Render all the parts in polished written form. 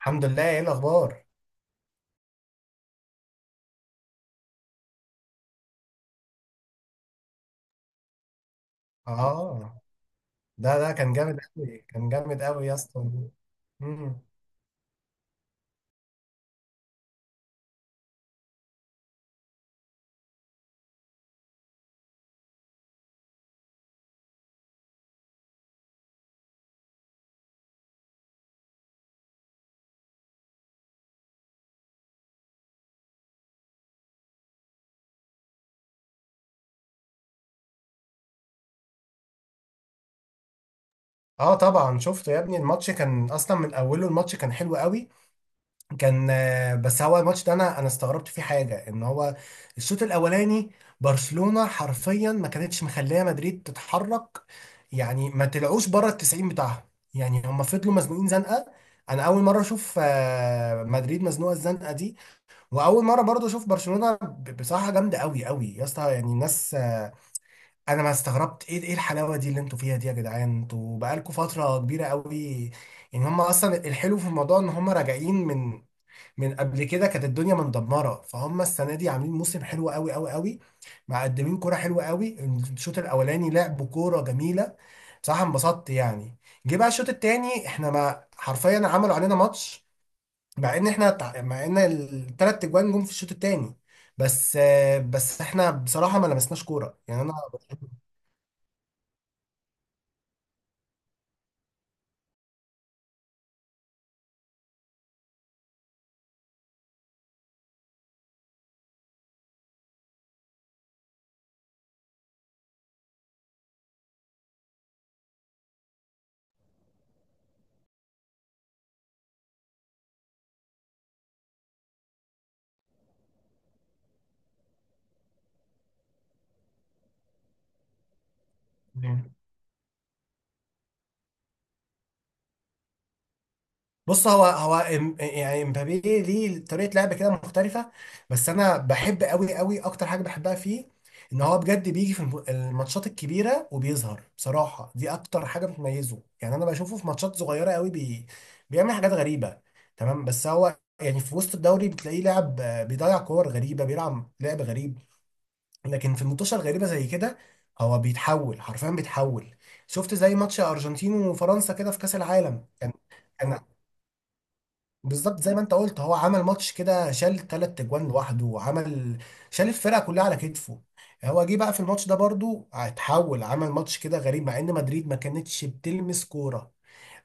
الحمد لله، ايه الاخبار؟ اه. ده كان جامد قوي، كان جامد قوي يا اسطى. مم. اه، طبعا شفته يا ابني، الماتش كان اصلا من اوله، الماتش كان حلو قوي. كان آه، بس هو الماتش ده انا استغربت فيه حاجه ان هو الشوط الاولاني برشلونه حرفيا ما كانتش مخليه مدريد تتحرك، يعني ما طلعوش بره ال 90 بتاعهم، يعني هم فضلوا مزنوقين زنقه. انا اول مره اشوف مدريد مزنوقه الزنقه دي، واول مره برضو اشوف برشلونه بصراحه جامده قوي قوي يا اسطى، يعني الناس انا ما استغربت ايه الحلاوه دي اللي انتوا فيها دي يا جدعان، انتوا بقالكوا فتره كبيره قوي. يعني هم اصلا الحلو في الموضوع ان هم راجعين من قبل كده، كانت الدنيا مندمره، فهم السنه دي عاملين موسم حلو قوي قوي قوي، مقدمين كوره حلوه قوي. الشوط الاولاني لعبوا كوره جميله، بصراحه انبسطت يعني. جه بقى الشوط التاني، احنا ما حرفيا عملوا علينا ماتش، مع ان الثلاث اجوان جم في الشوط الثاني. بس احنا بصراحه ما لمسناش كوره، يعني انا. بص، هو يعني امبابي ليه طريقه لعب كده مختلفه. بس انا بحب قوي قوي، اكتر حاجه بحبها فيه ان هو بجد بيجي في الماتشات الكبيره وبيظهر، بصراحه دي اكتر حاجه بتميزه، يعني انا بشوفه في ماتشات صغيره قوي بيعمل حاجات غريبه. تمام، بس هو يعني في وسط الدوري بتلاقيه لاعب بيضيع كور غريبه، بيلعب لعب غريب. لكن في المنتوشه الغريبه زي كده هو بيتحول، حرفيا بيتحول. شفت زي ماتش ارجنتين وفرنسا كده في كاس العالم. كان كان بالظبط زي ما انت قلت، هو عمل ماتش كده، شال ثلاث اجوان لوحده وعمل، شال الفرقه كلها على كتفه. هو جه بقى في الماتش ده برضو اتحول، عمل ماتش كده غريب مع ان مدريد ما كانتش بتلمس كوره.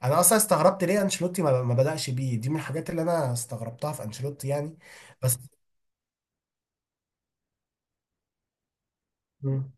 انا اصلا استغربت ليه انشيلوتي ما بدأش بيه، دي من الحاجات اللي انا استغربتها في انشيلوتي يعني. بس. مم.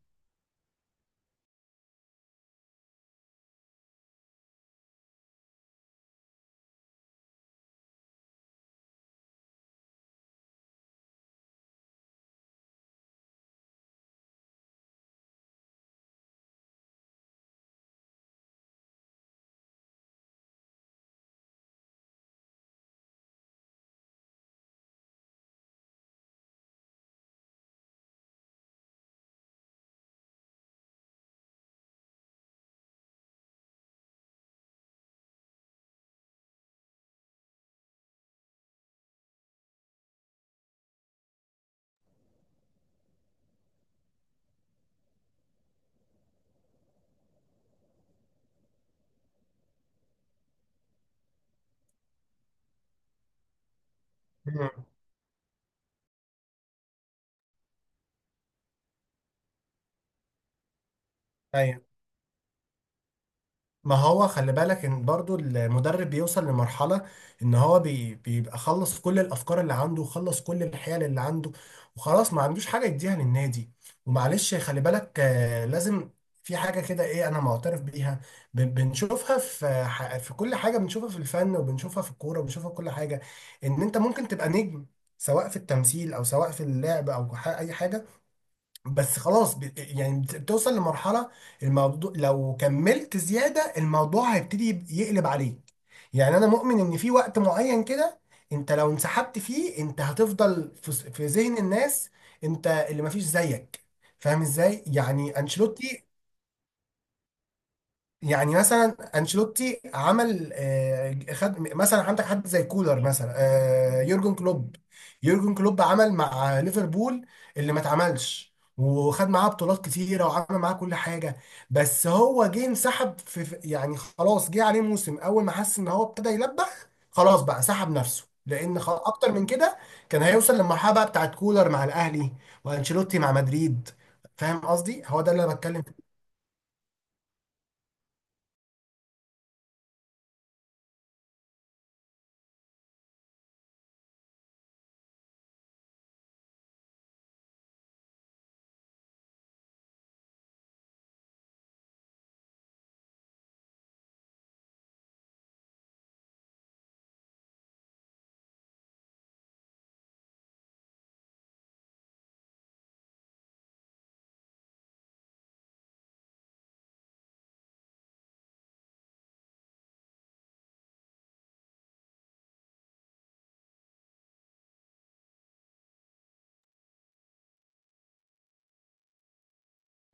مم. ما هو خلي بالك ان برضو المدرب بيوصل لمرحلة ان هو بيبقى خلص كل الافكار اللي عنده وخلص كل الحيل اللي عنده، وخلاص ما عندوش حاجة يديها للنادي. ومعلش خلي بالك، لازم في حاجة كده، ايه، انا معترف بيها. بنشوفها في في كل حاجة، بنشوفها في الفن وبنشوفها في الكورة وبنشوفها في كل حاجة، ان انت ممكن تبقى نجم سواء في التمثيل او سواء في اللعب او اي حاجة. بس خلاص يعني بتوصل لمرحلة الموضوع لو كملت زيادة، الموضوع هيبتدي يقلب عليك. يعني أنا مؤمن إن في وقت معين كده أنت لو انسحبت فيه، أنت هتفضل في في ذهن الناس، أنت اللي مفيش زيك. فاهم إزاي؟ يعني أنشيلوتي. يعني مثلا انشيلوتي عمل آه، خد مثلا عندك حد زي كولر مثلا، يورجن كلوب. يورجن كلوب عمل مع ليفربول اللي ما اتعملش، وخد معاه بطولات كتيره، وعمل معاه كل حاجه. بس هو جه انسحب يعني خلاص جه عليه موسم اول ما حس ان هو ابتدى يلبخ، خلاص بقى سحب نفسه لان خلاص اكتر من كده كان هيوصل للمرحله بقى بتاعت كولر مع الاهلي، وانشيلوتي مع مدريد. فاهم قصدي؟ هو ده اللي انا بتكلم فيه.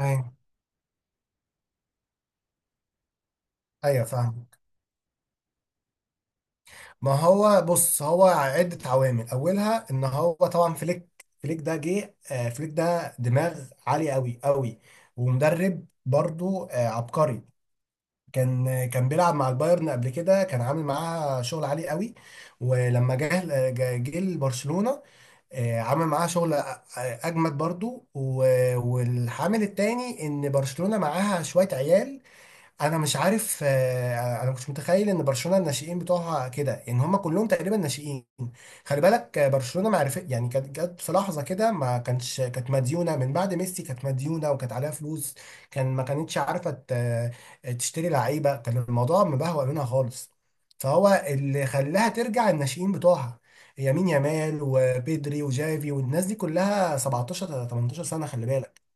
ايوه. أيوة، فاهم. ما هو بص، هو عدة عوامل، أولها إن هو طبعا فليك. فليك ده جه آه، فليك ده دماغ عالية أوي أوي، ومدرب برضو عبقري. كان بيلعب مع البايرن قبل كده، كان عامل معاه شغل عالي أوي. ولما جه، جه لبرشلونة، عمل معاه شغل أجمد برضو. والعامل التاني إن برشلونة معاها شوية عيال. انا مش عارف، انا ما كنتش متخيل ان برشلونه الناشئين بتوعها كده، ان هم كلهم تقريبا ناشئين. خلي بالك، برشلونه معرفة يعني كانت جت في لحظه كده، ما كانش كانت مديونه من بعد ميسي، كانت مديونه وكانت عليها فلوس. كان ما كانتش عارفه تشتري لعيبه، كان الموضوع مبهوأ منها خالص. فهو اللي خلاها ترجع الناشئين بتوعها، يمين يامال وبيدري وجافي والناس دي كلها 17 18 سنه، خلي بالك.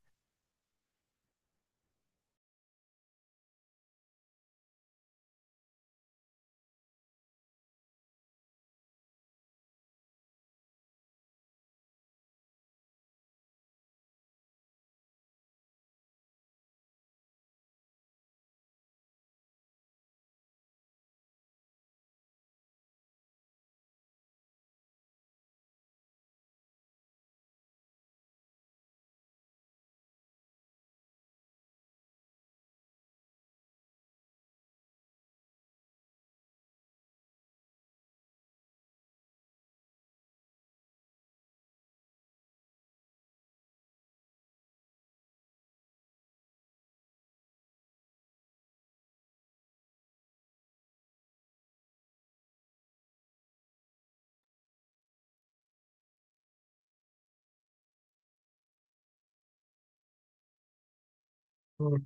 مم.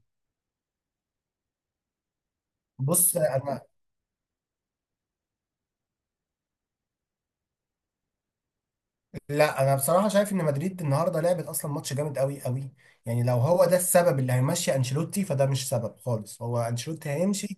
بص انا لا، انا بصراحه شايف ان مدريد النهارده لعبت اصلا ماتش جامد قوي قوي، يعني لو هو ده السبب اللي هيمشي انشيلوتي، فده مش سبب خالص هو انشيلوتي هيمشي.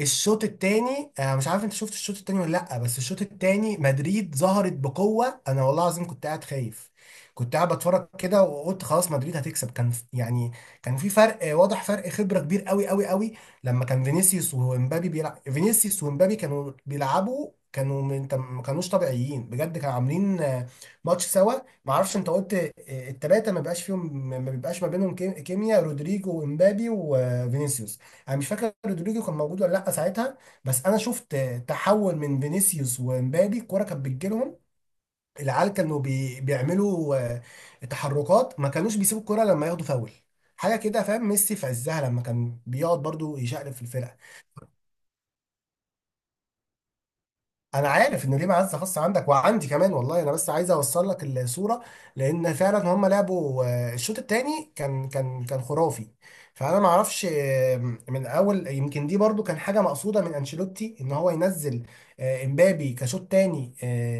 الشوط التاني آه، مش عارف انت شفت الشوط التاني ولا لا، بس الشوط التاني مدريد ظهرت بقوة. انا والله العظيم كنت قاعد خايف، كنت قاعد بتفرج كده وقلت خلاص مدريد هتكسب. كان ف- يعني كان في فرق، واضح فرق خبرة كبير قوي قوي قوي. لما كان فينيسيوس ومبابي بيلعب، فينيسيوس ومبابي كانوا بيلعبوا كانوا ما كانوش طبيعيين بجد، كانوا عاملين ماتش سوا. ما اعرفش انت قلت التلاتة ما بيبقاش فيهم، ما بينهم كيميا رودريجو ومبابي وفينيسيوس. انا مش فاكر رودريجو كان موجود ولا لا ساعتها، بس انا شفت تحول. من فينيسيوس ومبابي الكوره كانت بتجيلهم، العيال كانوا بيعملوا تحركات، ما كانوش بيسيبوا الكوره لما ياخدوا فاول حاجه كده فاهم. ميسي في عزها لما كان بيقعد برضو يشقلب في الفرقه. انا عارف ان ليه معزه خاصه عندك وعندي كمان، والله انا بس عايز اوصل لك الصوره. لان فعلا هم لعبوا، الشوط الثاني كان خرافي. فانا ما اعرفش، من اول يمكن دي برضو كان حاجه مقصوده من انشيلوتي ان هو ينزل امبابي كشوط ثاني،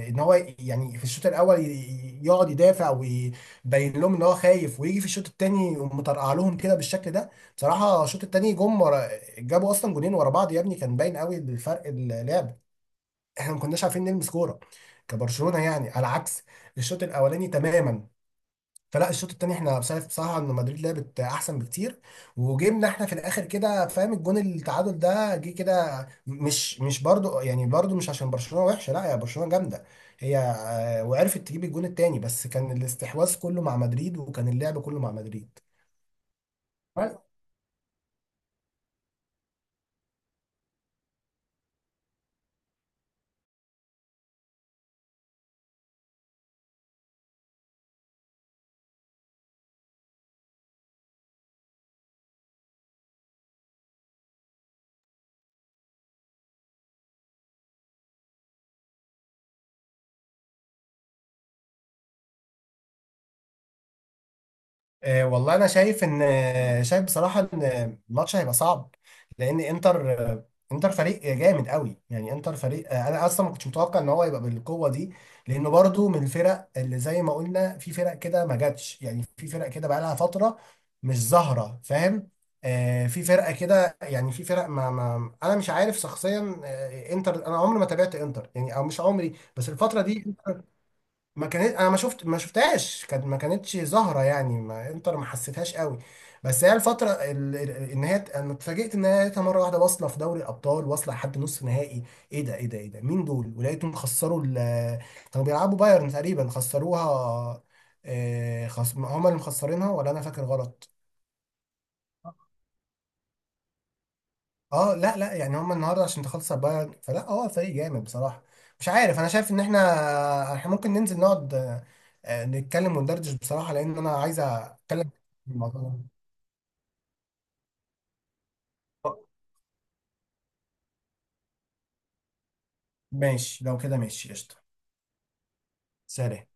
ان هو يعني في الشوط الاول يقعد يدافع ويبين لهم ان هو خايف ويجي في الشوط الثاني يقوم مطرقع لهم كده بالشكل ده. بصراحه الشوط الثاني جم ورا، جابوا اصلا جونين ورا بعض يا ابني، كان باين قوي الفرق اللعب. احنا ما كناش عارفين نلمس كوره كبرشلونه، يعني على عكس الشوط الاولاني تماما. فلا، الشوط التاني احنا شايف بصراحه ان مدريد لعبت احسن بكتير وجيمنا احنا في الاخر كده فاهم. الجون التعادل ده جه كده، مش برضو، يعني برضو مش عشان برشلونه وحشه، لا، يا برشلونه جامده. هي، وعرفت تجيب الجون التاني بس كان الاستحواذ كله مع مدريد وكان اللعب كله مع مدريد. والله انا شايف بصراحه ان الماتش هيبقى صعب. لان انتر، فريق جامد قوي، يعني انتر فريق آه، انا اصلا ما كنتش متوقع ان هو يبقى بالقوه دي، لانه برضو من الفرق اللي زي ما قلنا، في فرق كده ما جاتش، يعني في فرق كده بقى لها فتره مش ظاهره فاهم. في فرقه كده يعني، في فرق ما انا مش عارف شخصيا. انتر انا عمري ما تابعت انتر، يعني او مش عمري بس الفتره دي، ما كانت انا ما شفتهاش، ما كانتش ظاهره يعني، ما انتر ما حسيتهاش قوي. بس هي الفتره ال- ال- ان هي انا اتفاجئت ان هي لقيتها مره واحده واصله في دوري الابطال واصله لحد نص نهائي. ايه ده، ايه ده، ايه ده، مين دول؟ ولقيتهم خسروا كانوا بيلعبوا بايرن تقريبا خسروها. هما اللي مخسرينها ولا انا فاكر غلط؟ اه، لا لا، يعني هم النهارده عشان تخلص على بايرن، فلا هو فريق جامد بصراحه. مش عارف، انا شايف ان احنا ممكن ننزل نقعد، نتكلم وندردش بصراحه لان انا عايز اتكلم في الموضوع ده. ماشي لو كده، ماشي قشطه. سلام.